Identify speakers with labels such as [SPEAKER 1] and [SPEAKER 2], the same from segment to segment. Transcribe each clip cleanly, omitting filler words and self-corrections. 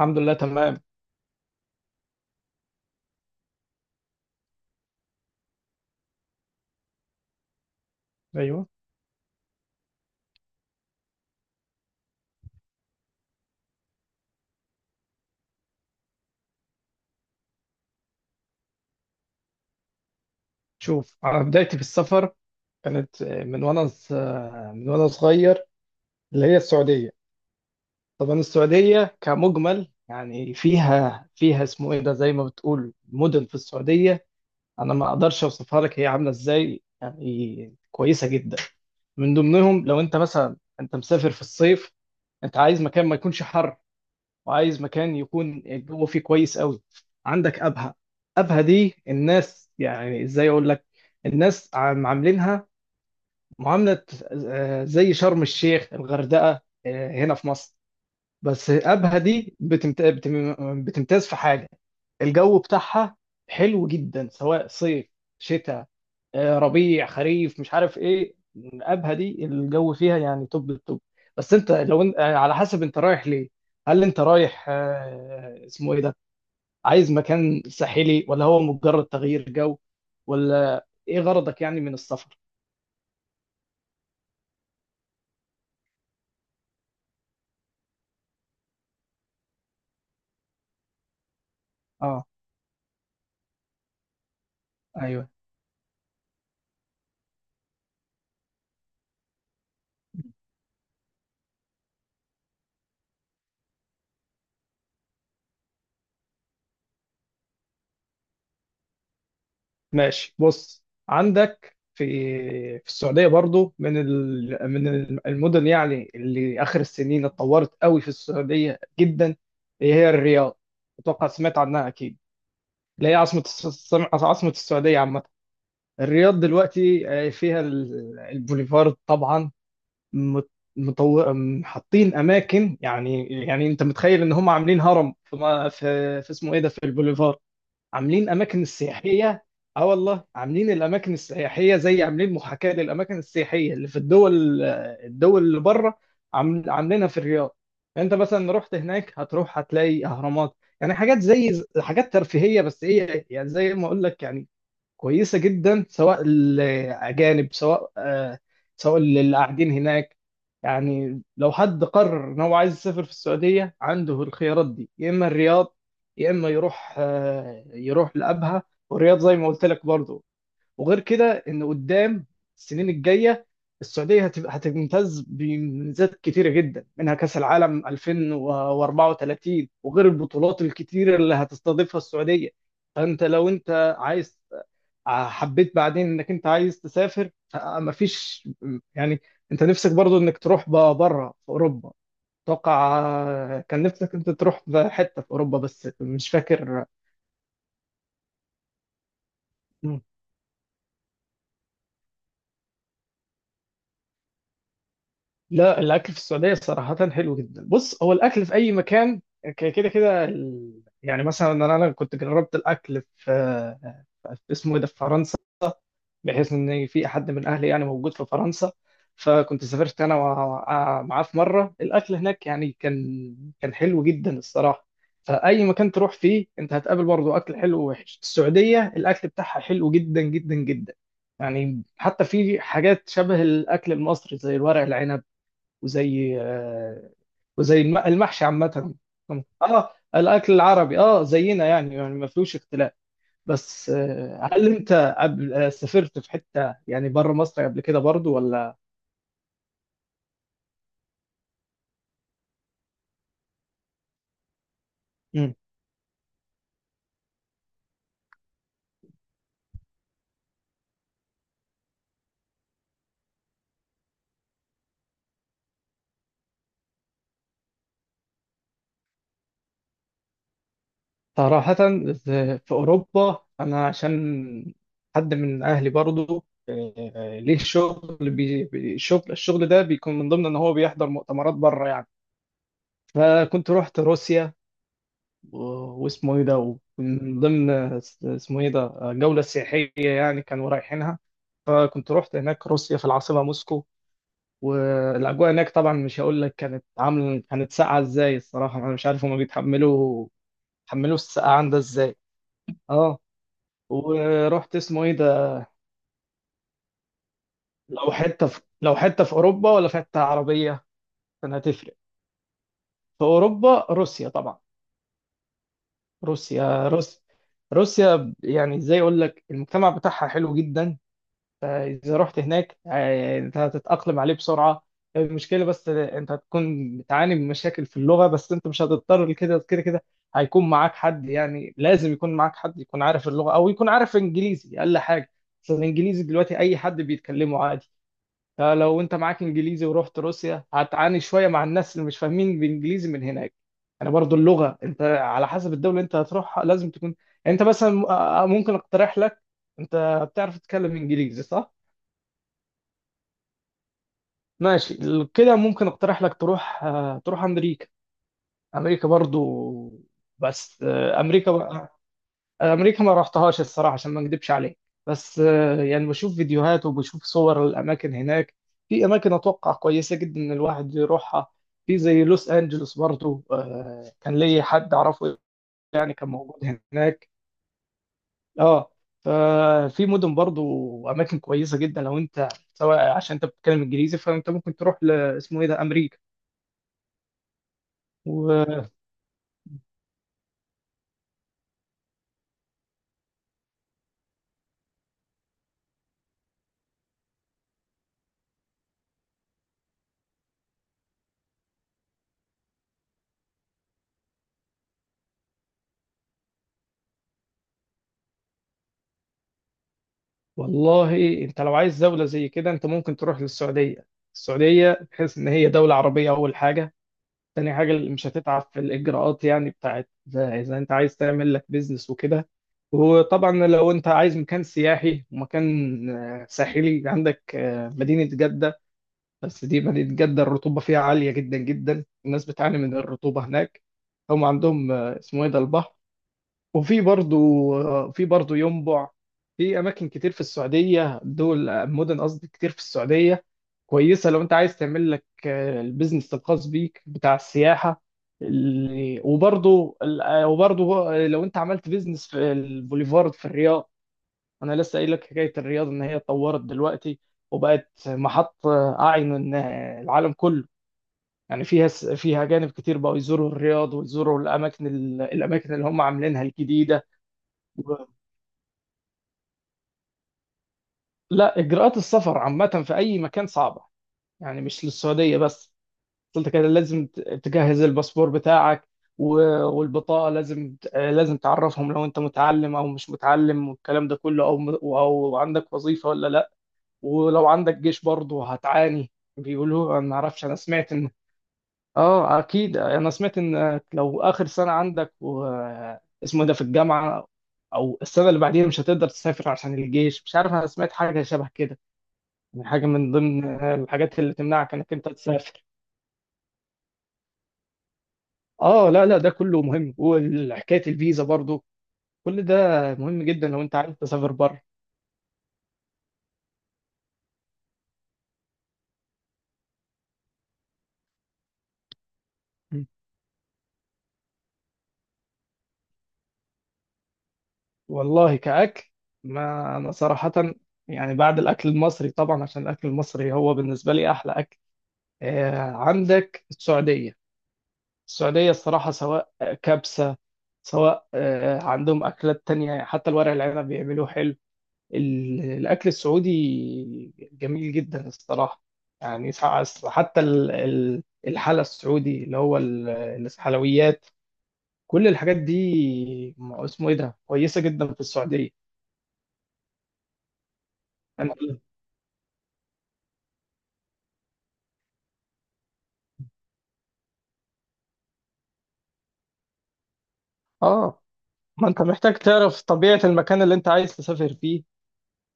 [SPEAKER 1] الحمد لله تمام. ايوه. شوف، انا بدايتي في السفر كانت من وانا صغير، اللي هي السعوديه. طبعا السعوديه كمجمل، يعني فيها اسمه ايه ده زي ما بتقول مدن في السعوديه. انا ما اقدرش اوصفها لك، هي عامله ازاي، يعني كويسه جدا. من ضمنهم لو انت مثلا انت مسافر في الصيف، انت عايز مكان ما يكونش حر، وعايز مكان يكون الجو فيه كويس قوي. عندك ابها. ابها دي الناس، يعني ازاي اقول لك، الناس عاملينها معاملة، زي شرم الشيخ الغردقة، هنا في مصر. بس ابها دي بتمتاز في حاجة، الجو بتاعها حلو جدا، سواء صيف، شتاء، ربيع، خريف. مش عارف ايه الابهه دي، الجو فيها يعني توب التوب. بس انت لو انت، على حسب انت رايح ليه، هل انت رايح، آه، اسمه ايه ده عايز مكان ساحلي ولا هو مجرد تغيير جو، ولا ايه غرضك يعني من السفر؟ اه. ايوه، ماشي بص، عندك في، في السعوديه برضو من من المدن يعني اللي اخر السنين اتطورت قوي في السعوديه جدا، هي الرياض. اتوقع سمعت عنها اكيد. اللي هي عاصمة السعودية عامة. الرياض دلوقتي، فيها البوليفارد طبعا. مت- حاطين أماكن، يعني أنت متخيل إن هم عاملين هرم في, ما- في, في اسمه إيه ده في البوليفارد. عاملين اماكن السياحيه. اه والله، عاملين الاماكن السياحيه، زي عاملين محاكاه للاماكن السياحيه اللي في الدول، الدول اللي بره، عاملينها في الرياض. يعني انت مثلا رحت هناك هتروح هتلاقي اهرامات، يعني حاجات زي حاجات ترفيهيه، بس هي يعني زي ما اقول لك يعني كويسة جدا، سواء الأجانب، سواء، سواء اللي قاعدين هناك. يعني لو حد قرر إن هو عايز يسافر في السعودية، عنده الخيارات دي، يا إما الرياض، يا إما يروح، يروح لأبها، والرياض زي ما قلت لك برضه. وغير كده ان قدام السنين الجايه السعوديه هتبقى هتمتاز بميزات كتيره جدا، منها كاس العالم 2034، وغير البطولات الكتيره اللي هتستضيفها السعوديه. فانت لو انت عايز، حبيت بعدين انك انت عايز تسافر، مفيش يعني، انت نفسك برضو انك تروح بره في اوروبا. اتوقع كان نفسك انت تروح في حته في اوروبا، بس مش فاكر. لا، الاكل في السعوديه صراحه حلو جدا. بص هو الاكل في اي مكان كده كده، يعني مثلا أنا كنت جربت الاكل في، في، اسمه إيه ده في فرنسا، بحيث ان في حد من اهلي يعني موجود في فرنسا. فكنت سافرت معاه في مره، الاكل هناك يعني كان حلو جدا الصراحه. فاي مكان تروح فيه انت هتقابل برضه اكل حلو ووحش. السعوديه الاكل بتاعها حلو جدا جدا جدا، يعني حتى في حاجات شبه الاكل المصري، زي الورق العنب، وزي، وزي المحشي عامة. اه، الأكل العربي، اه زينا، يعني ما فيهوش اختلاف. بس، هل أنت قبل، سافرت في حتة يعني بره مصر قبل كده برضو ولا؟ مم. صراحة، في أوروبا، أنا عشان حد من أهلي برضو، ليه شغل الشغل ده بيكون من ضمن إن هو بيحضر مؤتمرات بره يعني. فكنت رحت روسيا، و- واسمه ايه ده ومن ضمن، اس- اسمه ايه ده جولة سياحية يعني كانوا رايحينها. فكنت رحت هناك روسيا في العاصمة موسكو. والأجواء هناك طبعا مش هقول لك، كانت عامل، كانت ساقعة ازاي، الصراحة أنا مش عارف هما بيتحملوا السقعان ده ازاي. اه، ورحت، اسمه ايه ده لو حتة في أوروبا ولا في حتة عربية كان هتفرق. في أوروبا روسيا طبعا. روسيا، روسيا، روسيا، يعني ازاي اقول لك، المجتمع بتاعها حلو جدا. فإذا رحت هناك، أنت هتتأقلم عليه بسرعة. المشكلة بس أنت هتكون بتعاني من مشاكل في اللغة، بس أنت مش هتضطر لكده. كده كده هيكون معاك حد، يعني لازم يكون معاك حد يكون عارف اللغة أو يكون عارف إنجليزي أقل حاجة. بس الإنجليزي دلوقتي أي حد بيتكلمه عادي. فلو أنت معاك إنجليزي ورحت روسيا هتعاني شوية مع الناس اللي مش فاهمين بالإنجليزي من هناك. يعني برضو اللغة، أنت على حسب الدولة اللي أنت هتروحها لازم تكون، يعني أنت مثلا، ممكن أقترح لك. أنت بتعرف تتكلم إنجليزي، صح؟ ماشي، كده ممكن اقترح لك تروح، تروح امريكا. امريكا برضو، بس، امريكا بقى، امريكا ما رحتهاش الصراحه عشان ما اكدبش عليك. بس، يعني بشوف فيديوهات وبشوف صور الاماكن هناك. في اماكن اتوقع كويسه جدا ان الواحد يروحها، في زي لوس انجلوس برضو. كان لي حد اعرفه، يعني كان موجود هناك. اه، ففي مدن برضو اماكن كويسه جدا لو انت، سواء عشان انت بتتكلم انجليزي، فانت ممكن تروح ل- اسمه ايه ده امريكا. و والله انت لو عايز دولة زي كده، انت ممكن تروح للسعودية. السعودية بحيث ان هي دولة عربية، اول حاجة. تاني حاجة، اللي مش هتتعب في الاجراءات يعني بتاعت، إذا انت عايز تعمل لك بيزنس وكده. وطبعا لو انت عايز مكان سياحي ومكان، ساحلي، عندك، مدينة جدة. بس دي مدينة جدة الرطوبة فيها عالية جدا جدا، الناس بتعاني من الرطوبة هناك. هم عندهم، آه، اسمه ايه ده البحر، وفي برضو، في برضو ينبع. في اماكن كتير في السعوديه، دول مدن قصدي كتير في السعوديه كويسه لو انت عايز تعمل لك، البيزنس الخاص بيك بتاع السياحه. ال- وبرضو ال- آه، وبرضو آه، لو انت عملت بيزنس في البوليفارد في الرياض. انا لسه قايل لك حكايه الرياض، ان هي اتطورت دلوقتي وبقت محط، اعين، العالم كله. يعني فيها، فيها اجانب كتير بقوا يزوروا الرياض ويزوروا الاماكن اللي هم عاملينها الجديده. لا، اجراءات السفر عامه في اي مكان صعبه، يعني مش للسعوديه بس. قلت كده لازم تجهز الباسبور بتاعك والبطاقه، لازم لازم تعرفهم لو انت متعلم او مش متعلم والكلام ده كله، او او عندك وظيفه ولا لا. ولو عندك جيش برضه هتعاني، بيقولوا، انا ما اعرفش، انا سمعت ان، اه اكيد انا سمعت ان لو اخر سنه عندك اسمه ده في الجامعه او السنه اللي بعديها مش هتقدر تسافر عشان الجيش، مش عارف انا سمعت حاجه شبه كده، يعني حاجه من ضمن الحاجات اللي تمنعك انك انت تسافر. اه لا لا، ده كله مهم، وحكايه الفيزا برضو كل ده مهم جدا لو انت عايز تسافر بره. م. والله كأكل، ما أنا صراحة، يعني بعد الأكل المصري طبعا عشان الأكل المصري هو بالنسبة لي أحلى أكل، عندك السعودية. السعودية الصراحة سواء كبسة، سواء، عندهم أكلات تانية، حتى الورق العنب بيعملوه حلو. الأكل السعودي جميل جدا الصراحة، يعني سع- حتى الحلا السعودي اللي هو الحلويات، كل الحاجات دي، م- اسمه إيه ده كويسة جدا في السعودية. أنت- آه، ما أنت محتاج تعرف طبيعة المكان اللي أنت عايز تسافر فيه،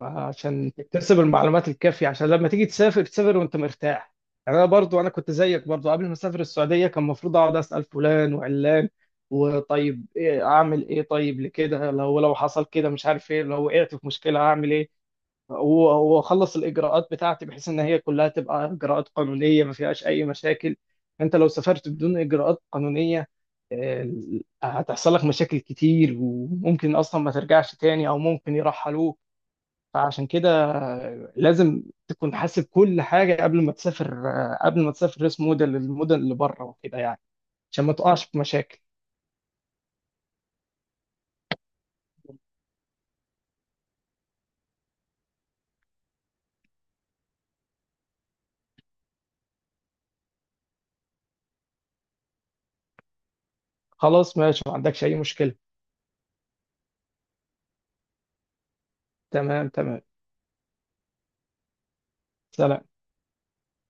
[SPEAKER 1] عشان تكتسب المعلومات الكافية، عشان لما تيجي تسافر تسافر وانت مرتاح. يعني انا برضو انا كنت زيك برضو، قبل ما اسافر السعودية كان المفروض اقعد اسأل فلان وعلان، وطيب ايه اعمل ايه، طيب لكده لو حصل كده مش عارف ايه، لو وقعت في مشكلة اعمل ايه، واخلص الاجراءات بتاعتي بحيث ان هي كلها تبقى اجراءات قانونية ما فيهاش اي مشاكل. انت لو سافرت بدون اجراءات قانونية، آه، هتحصل لك مشاكل كتير، وممكن اصلا ما ترجعش تاني او ممكن يرحلوك. فعشان كده لازم تكون حاسب كل حاجة قبل ما تسافر، قبل ما تسافر ريس موديل للمدن اللي بره وكده يعني، عشان ما تقعش في مشاكل. خلاص ماشي، ما عندكش أي مشكلة. تمام، تمام. سلام.